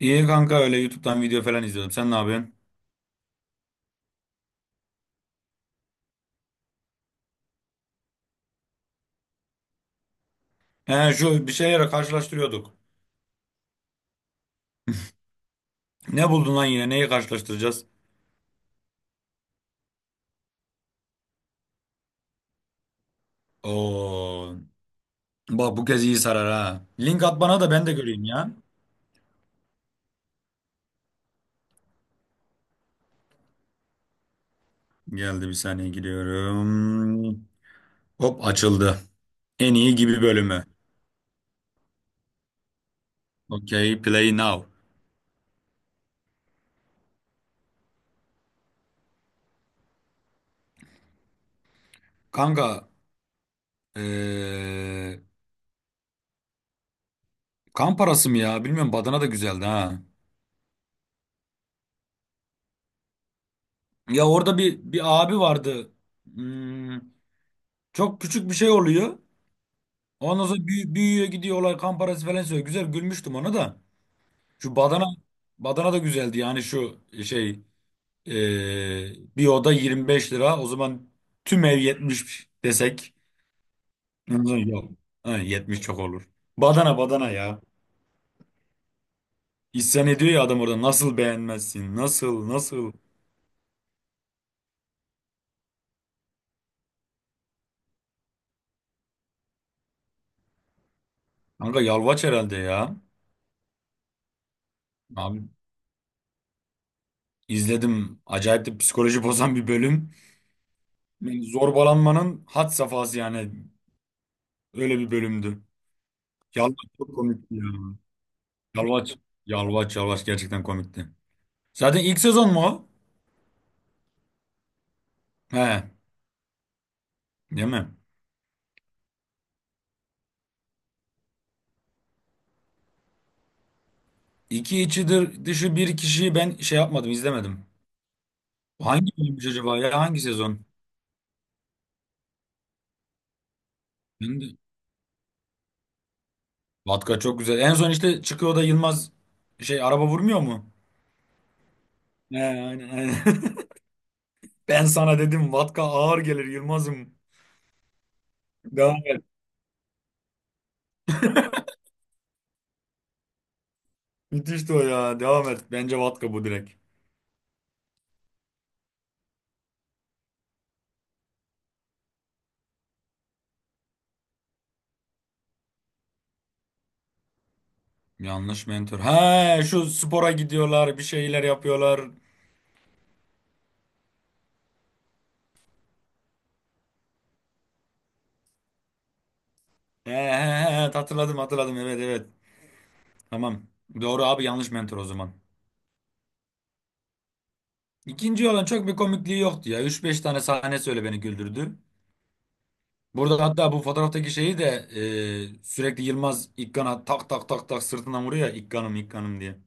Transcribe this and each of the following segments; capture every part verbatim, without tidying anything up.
İyi kanka öyle YouTube'dan video falan izliyordum. Sen ne yapıyorsun? He şu bir şeylere karşılaştırıyorduk. Ne buldun lan yine? Neyi karşılaştıracağız? Oo. Bak bu kez iyi sarar ha. Link at bana da ben de göreyim ya. Geldi, bir saniye giriyorum. Hop açıldı. En iyi gibi bölümü. Okay play now. Kanka eee, kan parası mı ya? Bilmiyorum, badana da güzeldi ha. Ya orada bir, bir abi vardı. Hmm, çok küçük bir şey oluyor. Ondan sonra büyü- büyüyor, gidiyor olay, kan parası falan söylüyor. Güzel gülmüştüm ona da. Şu badana, badana da güzeldi yani şu şey eee, bir oda yirmi beş lira. O zaman tüm ev yetmiş desek. Ondan sonra yok. Ha, yetmiş çok olur. Badana badana ya. İsyan ediyor ya adam orada, nasıl beğenmezsin? Nasıl nasıl? Kanka yalvaç herhalde ya. Abi izledim. Acayip de psikoloji bozan bir bölüm. Yani zorbalanmanın had safhası yani. Öyle bir bölümdü. Yalvaç çok komikti ya. Yalvaç. Yalvaç, Yalvaç gerçekten komikti. Zaten ilk sezon mu o? He, değil mi? İki içidir dışı bir kişiyi ben şey yapmadım, izlemedim. Hangi bölümmüş acaba ya? Hangi sezon? Ben de- Vatka çok güzel. En son işte çıkıyor da Yılmaz şey, araba vurmuyor mu? He, aynen, aynen. Ben sana dedim Vatka ağır gelir Yılmaz'ım. Devam et. Müthişti o ya. Devam et. Bence Vatka bu, direkt. Yanlış mentor. He, şu spora gidiyorlar, bir şeyler yapıyorlar. He, he, he, hatırladım hatırladım, evet evet. Tamam. Doğru abi, yanlış mentor o zaman. İkinci olan çok bir komikliği yoktu ya. Üç beş tane sahne söyle beni güldürdü. Burada hatta bu fotoğraftaki şeyi de e, sürekli Yılmaz İkkan'a tak tak tak tak sırtından vuruyor ya, İkkan'ım İkkan'ım diye.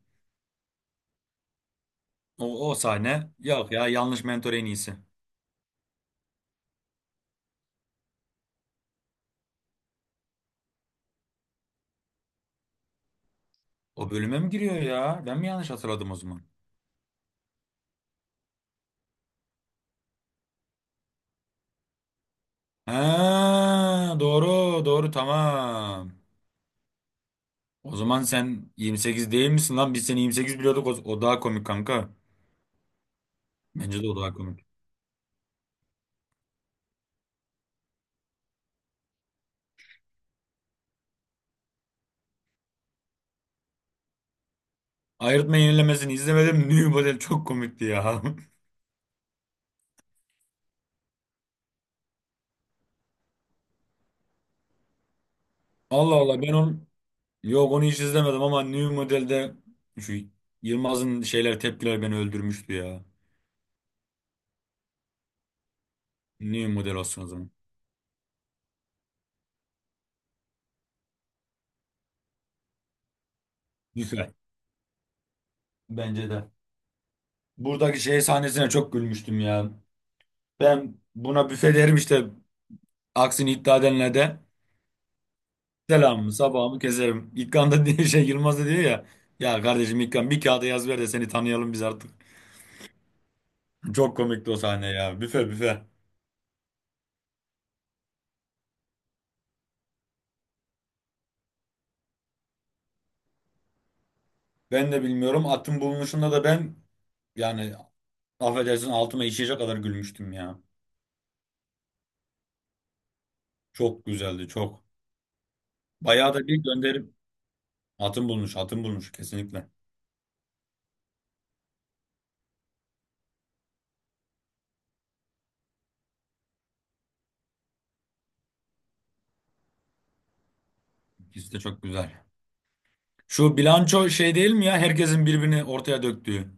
O, o sahne yok ya, yanlış mentor en iyisi. O bölüme mi giriyor ya? Ben mi yanlış hatırladım o zaman? He, doğru doğru, tamam. O zaman sen yirmi sekiz değil misin lan? Biz seni yirmi sekiz biliyorduk. O, o daha komik kanka. Bence de o daha komik. Ayrıtma yenilemesini izlemedim. New Model çok komikti ya. Allah Allah, ben onu, yok onu hiç izlemedim, ama New Model'de şu Yılmaz'ın şeyler, tepkiler beni öldürmüştü ya. New Model olsun o zaman. Büfe. Bence de. Buradaki şey sahnesine çok gülmüştüm ya. Ben buna büfe derim işte, aksini iddia edenler de selamımı sabahımı keserim. İlkan da diye şey, Yılmaz da diyor ya. Ya kardeşim İlkan, bir kağıda yaz ver de seni tanıyalım biz artık. Çok komikti o sahne ya. Büfe büfe. Ben de bilmiyorum. Atın bulunuşunda da ben, yani affedersin altıma işeyecek kadar gülmüştüm ya. Çok güzeldi çok. Bayağı da bir gönderim. Atın bulunuş, atın bulunuş kesinlikle. İkisi de çok güzel. Şu bilanço şey değil mi ya? Herkesin birbirini ortaya döktüğü.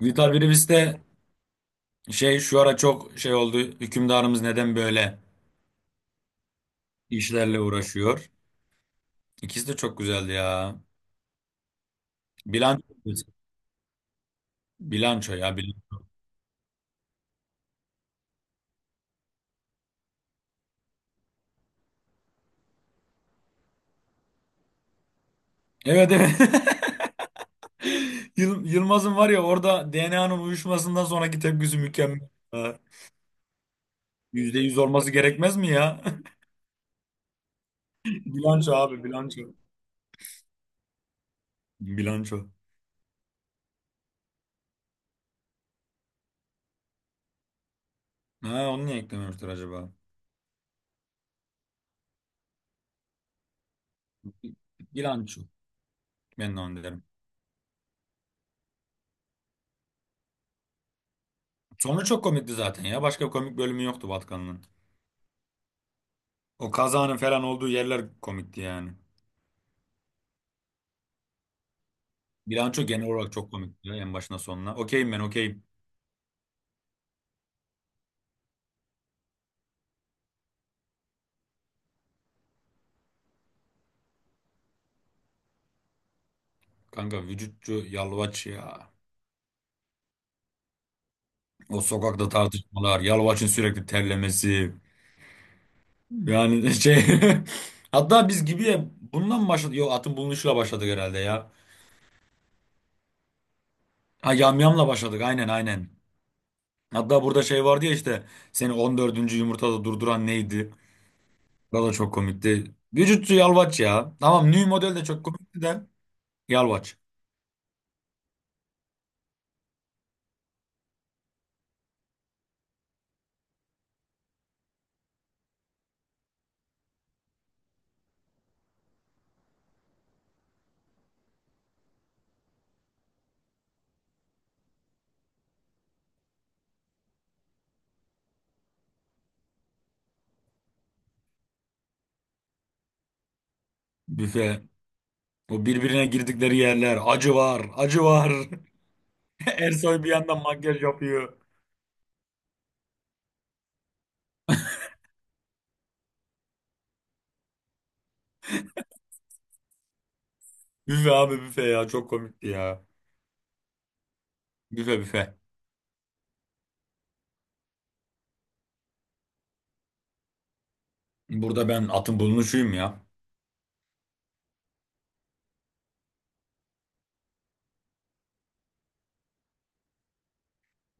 Vital Brivis de şey, şu ara çok şey oldu. Hükümdarımız neden böyle işlerle uğraşıyor? İkisi de çok güzeldi ya. Bilanço, bilanço ya bilanço. Evet evet. Yıl- Yılmaz'ın var ya orada, D N A'nın uyuşmasından sonraki tepkisi mükemmel. Ha, yüzde yüz olması gerekmez mi ya? Bilanço abi, bilanço. Bilanço. Ha, onu niye eklememiştir acaba? Bilanço. Ben de onu derim. Sonu çok komikti zaten ya. Başka komik bölümü yoktu Vatkan'ın. O kazanın falan olduğu yerler komikti yani. Bilanço genel olarak çok komikti ya, en başına sonuna. Okeyim ben, okeyim. Kanka vücutçu Yalvaç ya. O sokakta tartışmalar, Yalvaç'ın sürekli terlemesi. Yani şey hatta biz gibi ya, bundan mı başladık? Yok, atın bulunuşuyla başladık herhalde ya. Ha, yamyamla başladık, aynen aynen. Hatta burada şey vardı ya işte, seni on dördüncü yumurtada durduran neydi? O da çok komikti. Vücutçu yalvaç ya. Tamam, New Model de çok komikti de, yalvaç. Büfe. O birbirine girdikleri yerler. Acı var. Acı var. Ersoy bir yandan makyaj yapıyor. Büfe abi büfe, ya çok komikti ya. Büfe büfe. Burada ben atın bulunuşuyum ya.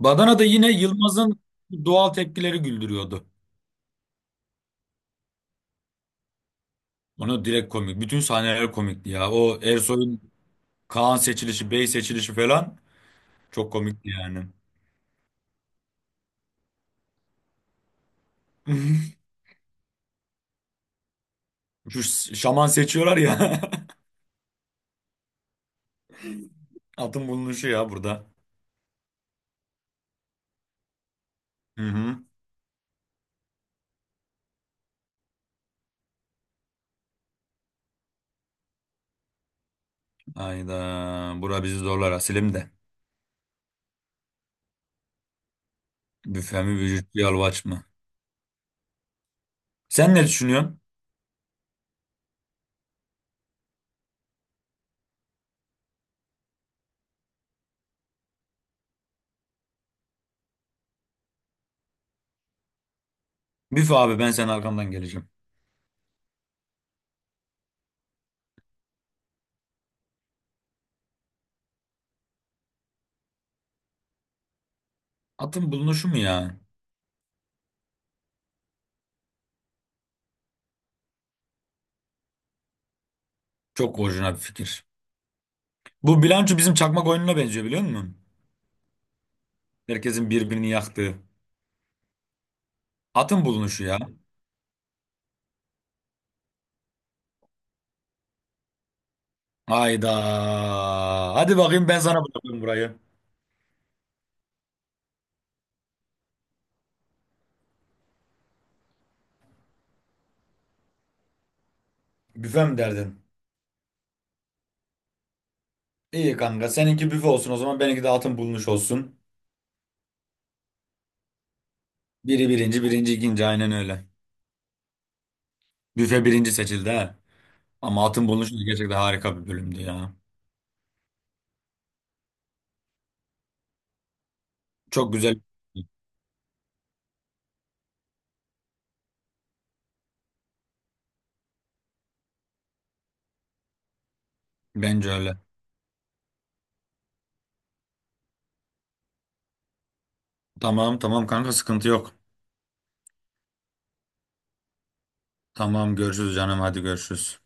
Badana'da yine Yılmaz'ın doğal tepkileri güldürüyordu. Onu direkt komik. Bütün sahneler komikti ya. O Ersoy'un Kaan seçilişi, Bey seçilişi falan çok komikti yani. Şu ş- şaman seçiyorlar ya. Atın bulunuşu ya burada. Hı hı. Hayda. Bura bizi zorlar Asilim de. Büfe mi vücut yalvaç mı? Sen ne düşünüyorsun? Büfe abi, ben senin arkamdan geleceğim. Atın bulunuşu mu ya? Çok orijinal bir fikir. Bu bilanço bizim çakmak oyununa benziyor, biliyor musun? Herkesin birbirini yaktığı. Atın bulunuşu ya. Hayda. Hadi bakayım, ben sana bırakıyorum burayı. Büfe mi derdin? İyi kanka, seninki büfe olsun o zaman, benimki de atın bulunuşu olsun. Biri birinci, birinci ikinci, aynen öyle. Büfe birinci seçildi ha. Ama atın bulunuşu da gerçekten harika bir bölümdü ya. Çok güzel. Bence öyle. Tamam tamam kanka, sıkıntı yok. Tamam, görüşürüz canım, hadi görüşürüz.